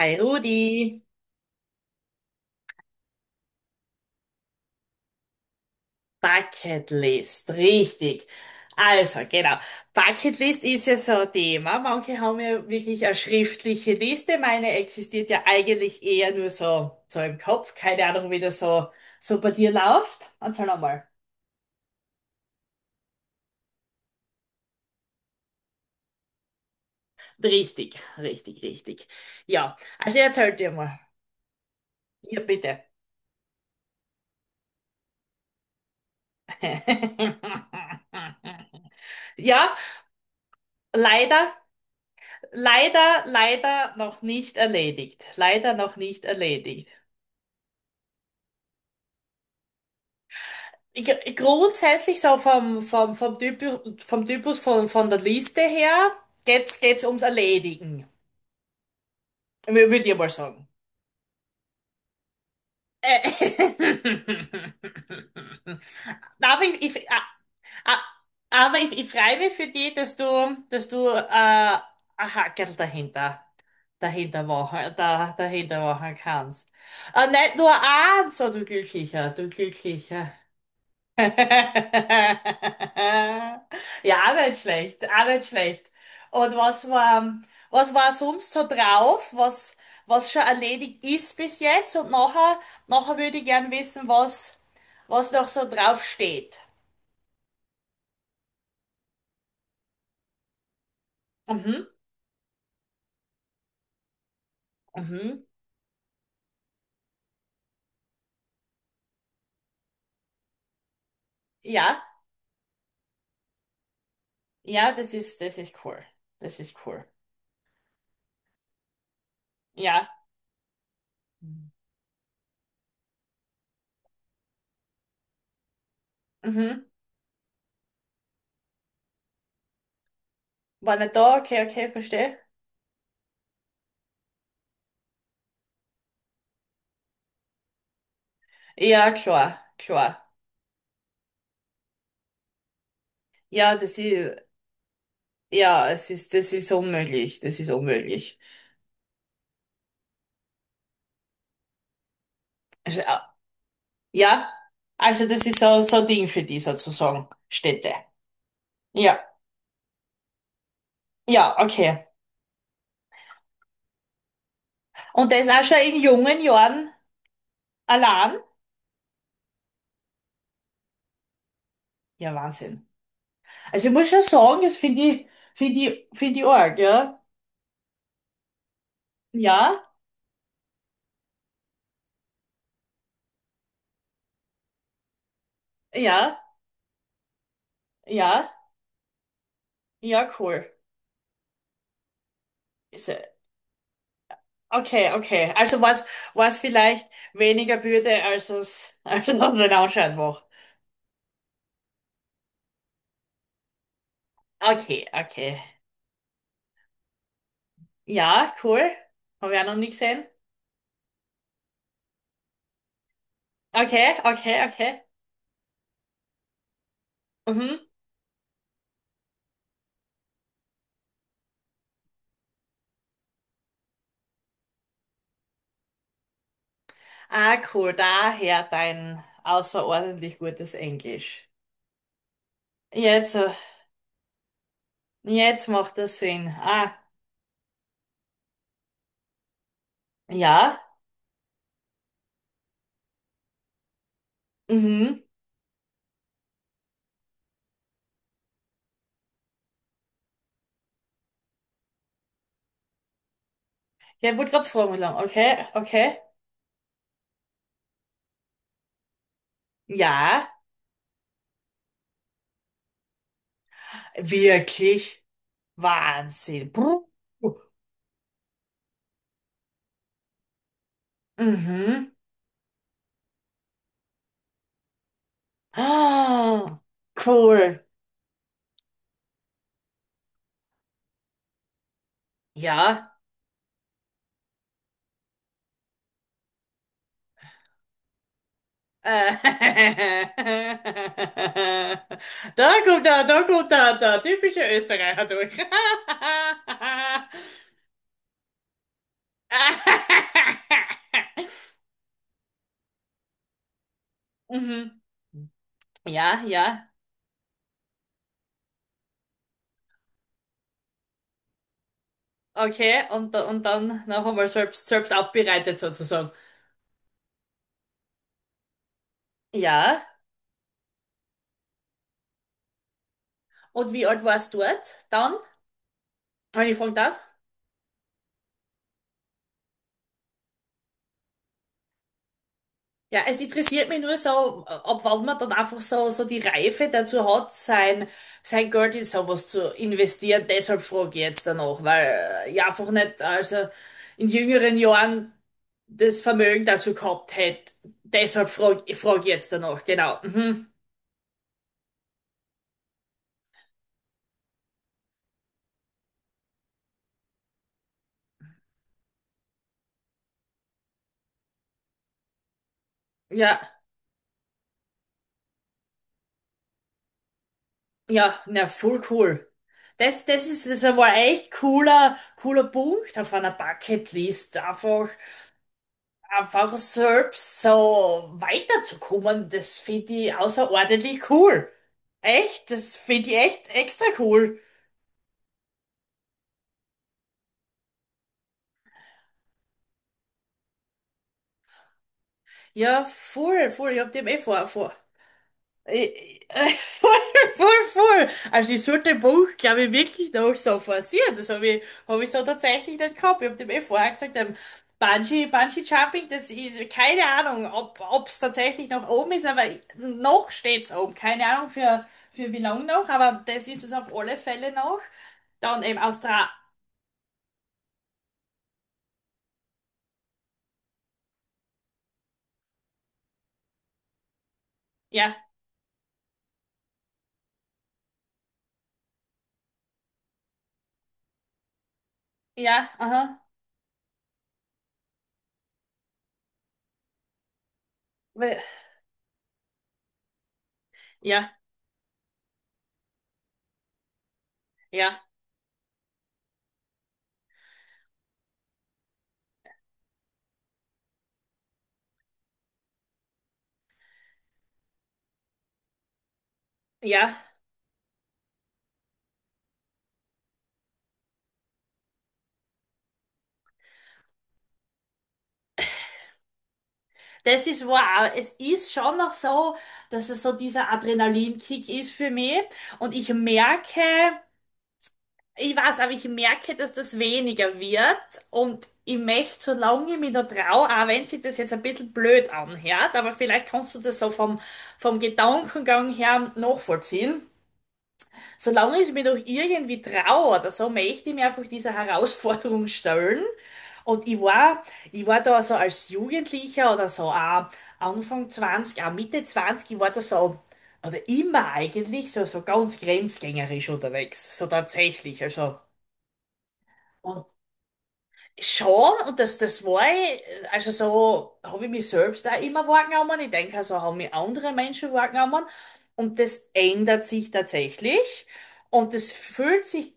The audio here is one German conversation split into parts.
Hi Rudi, Bucketlist, richtig. Also, genau. Bucketlist ist ja so ein Thema. Manche haben ja wirklich eine schriftliche Liste. Meine existiert ja eigentlich eher nur so im Kopf. Keine Ahnung, wie das so bei dir läuft. Erzähl nochmal. Richtig, richtig, richtig. Ja, also erzähl dir mal. Ja, bitte. Ja, leider, leider, leider noch nicht erledigt. Leider noch nicht erledigt. Grundsätzlich so vom Typus, vom Typus von der Liste her geht's ums Erledigen. Würde ich mal sagen. Äh, Aber ich, ich, a- a- aber ich freue mich für dich, dass du ein Hackerl dahinter machen kannst. Nicht nur eins, so du Glücklicher, du Glücklicher. Ja, auch nicht schlecht, auch nicht schlecht. Und was war sonst so drauf, was schon erledigt ist bis jetzt? Und nachher würde ich gern wissen, was noch so drauf steht. Mhm, mhm. Ja, ja, das ist cool. Das ist cool. Ja. Mhm. War nicht da, okay, okay, verstehe. Ja, klar, klar. Ja, das ist, das ist unmöglich, das ist unmöglich. Also, Ja, also das ist so ein Ding für die sozusagen, Städte. Ja, ja, okay. Und der ist auch schon in jungen Jahren allein. Ja, Wahnsinn. Also ich muss schon sagen, das finde ich arg, ja. Ja, ja, ja, ja, cool. Ist, äh, okay, okay. Also was, vielleicht weniger Bürde, als es, als es den Anschein macht. Okay, okay. Ja, cool. Haben wir auch noch nie gesehen. Okay, okay, okay. Mhm. Ah, cool, daher dein außerordentlich gutes Englisch. Jetzt, äh, jetzt macht das Sinn. Ah, ja, mhm. Ja, ich wollte gerade fragen, wie lang. Okay, okay. Ja, wirklich Wahnsinn. Puh. Mhm. Ah, cool. Ja. Äh, da kommt er, der typische Österreicher durch. Mhm. Ja, ja. Okay, und dann noch einmal selbst aufbereitet sozusagen. Ja, und wie alt warst du dort dann, wenn ich fragen darf? Ja, es interessiert mich nur so, ab wann man dann einfach so, die Reife dazu hat, sein Geld in sowas zu investieren. Deshalb frage ich jetzt danach, weil ich einfach nicht, also in jüngeren Jahren das Vermögen dazu gehabt hätte. Deshalb frag ich jetzt danach, genau. Mhm. Ja. Ja, na, voll cool. Das ist einmal echt cooler, cooler Punkt auf einer Bucketlist. Einfach selbst so weiterzukommen, das finde ich außerordentlich cool. Echt, das finde ich echt extra cool. Ja, voll, voll. Ich hab dem eh vor, Äh, äh, Voll, voll, voll. Also ich sollte dem Buch, glaube ich, wirklich noch so forcieren. Das hab ich so tatsächlich nicht gehabt. Ich habe dem eh vorher gesagt, Bungee Jumping, das ist keine Ahnung, ob es tatsächlich noch oben ist, aber noch steht's oben. Keine Ahnung für wie lange noch, aber das ist es auf alle Fälle noch. Dann eben Australien. Ja, ja, aha. We- Ja, ja, ja. Das ist wow. Es ist schon noch so, dass es so dieser Adrenalinkick ist für mich. Und ich merke, ich weiß, aber ich merke, dass das weniger wird. Und ich möchte, solange ich mich noch traue, auch wenn sich das jetzt ein bisschen blöd anhört, aber vielleicht kannst du das so vom Gedankengang her nachvollziehen. Solange ich mir doch irgendwie traue oder so, möchte ich mir einfach dieser Herausforderung stellen. Und ich war da so als Jugendlicher oder so, auch Anfang 20, auch Mitte 20, ich war da so, oder immer eigentlich, so ganz grenzgängerisch unterwegs. So tatsächlich, also. Und schon, und das war ich, also so, habe ich mich selbst auch immer wahrgenommen. Ich denke, also haben mich andere Menschen wahrgenommen. Und das ändert sich tatsächlich. Und das fühlt sich.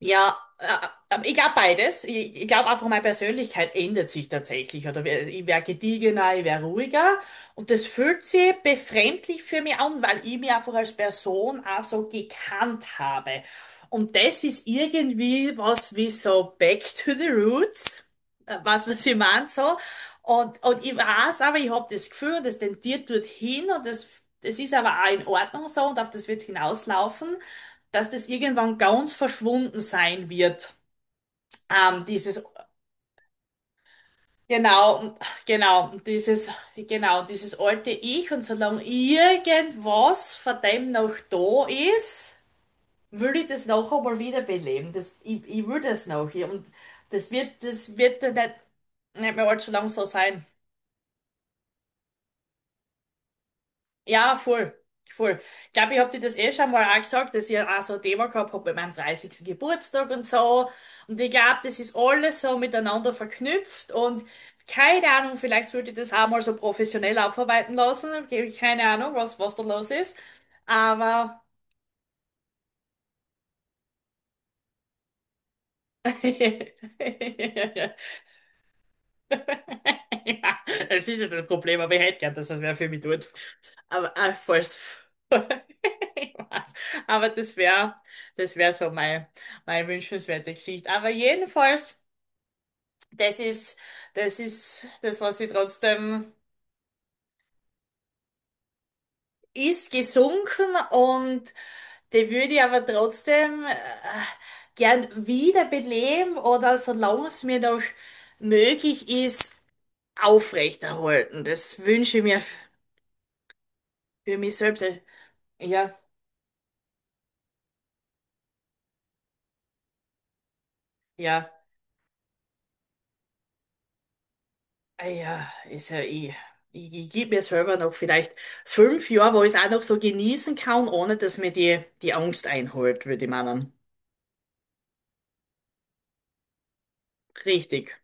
Ja, ich glaube beides. Ich glaube einfach, meine Persönlichkeit ändert sich tatsächlich. Oder ich wäre gediegener, ich wäre ruhiger. Und das fühlt sich befremdlich für mich an, weil ich mich einfach als Person auch so gekannt habe. Und das ist irgendwie was wie so back to the roots. Weißt du, was ich meine? So. Und ich weiß aber, ich habe das Gefühl, das tendiert dorthin und das ist aber auch in Ordnung so und auf das wird es hinauslaufen, dass das irgendwann ganz verschwunden sein wird. Ähm, dieses, genau, genau, genau, dieses alte Ich und solange irgendwas von dem noch da ist, will ich das noch einmal wiederbeleben. Ich will das noch. Und das wird dann nicht, nicht mehr allzu lang so sein. Ja, voll. Voll. Ich glaube, ich habe dir das eh schon mal auch gesagt, dass ich auch so ein Thema gehabt habe bei meinem 30. Geburtstag und so. Und ich glaube, das ist alles so miteinander verknüpft und keine Ahnung, vielleicht sollte ich das auch mal so professionell aufarbeiten lassen. Keine Ahnung, was da los ist. Aber Ja, es ist ja das Problem, aber ich hätte gern, dass das wer für mich tut. Aber falls. Ich weiß. Aber das wäre so meine wünschenswerte Geschichte. Aber jedenfalls, das ist, das ist das, was ich trotzdem ist gesunken und die würde ich aber trotzdem gern wiederbeleben oder solange es mir noch möglich ist, aufrechterhalten. Das wünsche ich mir für mich selbst. Ja, ja, ah ja, ist ja eh. Ich gebe mir selber noch vielleicht 5 Jahre, wo ich es auch noch so genießen kann, ohne dass mir die Angst einholt, würde ich meinen. Richtig.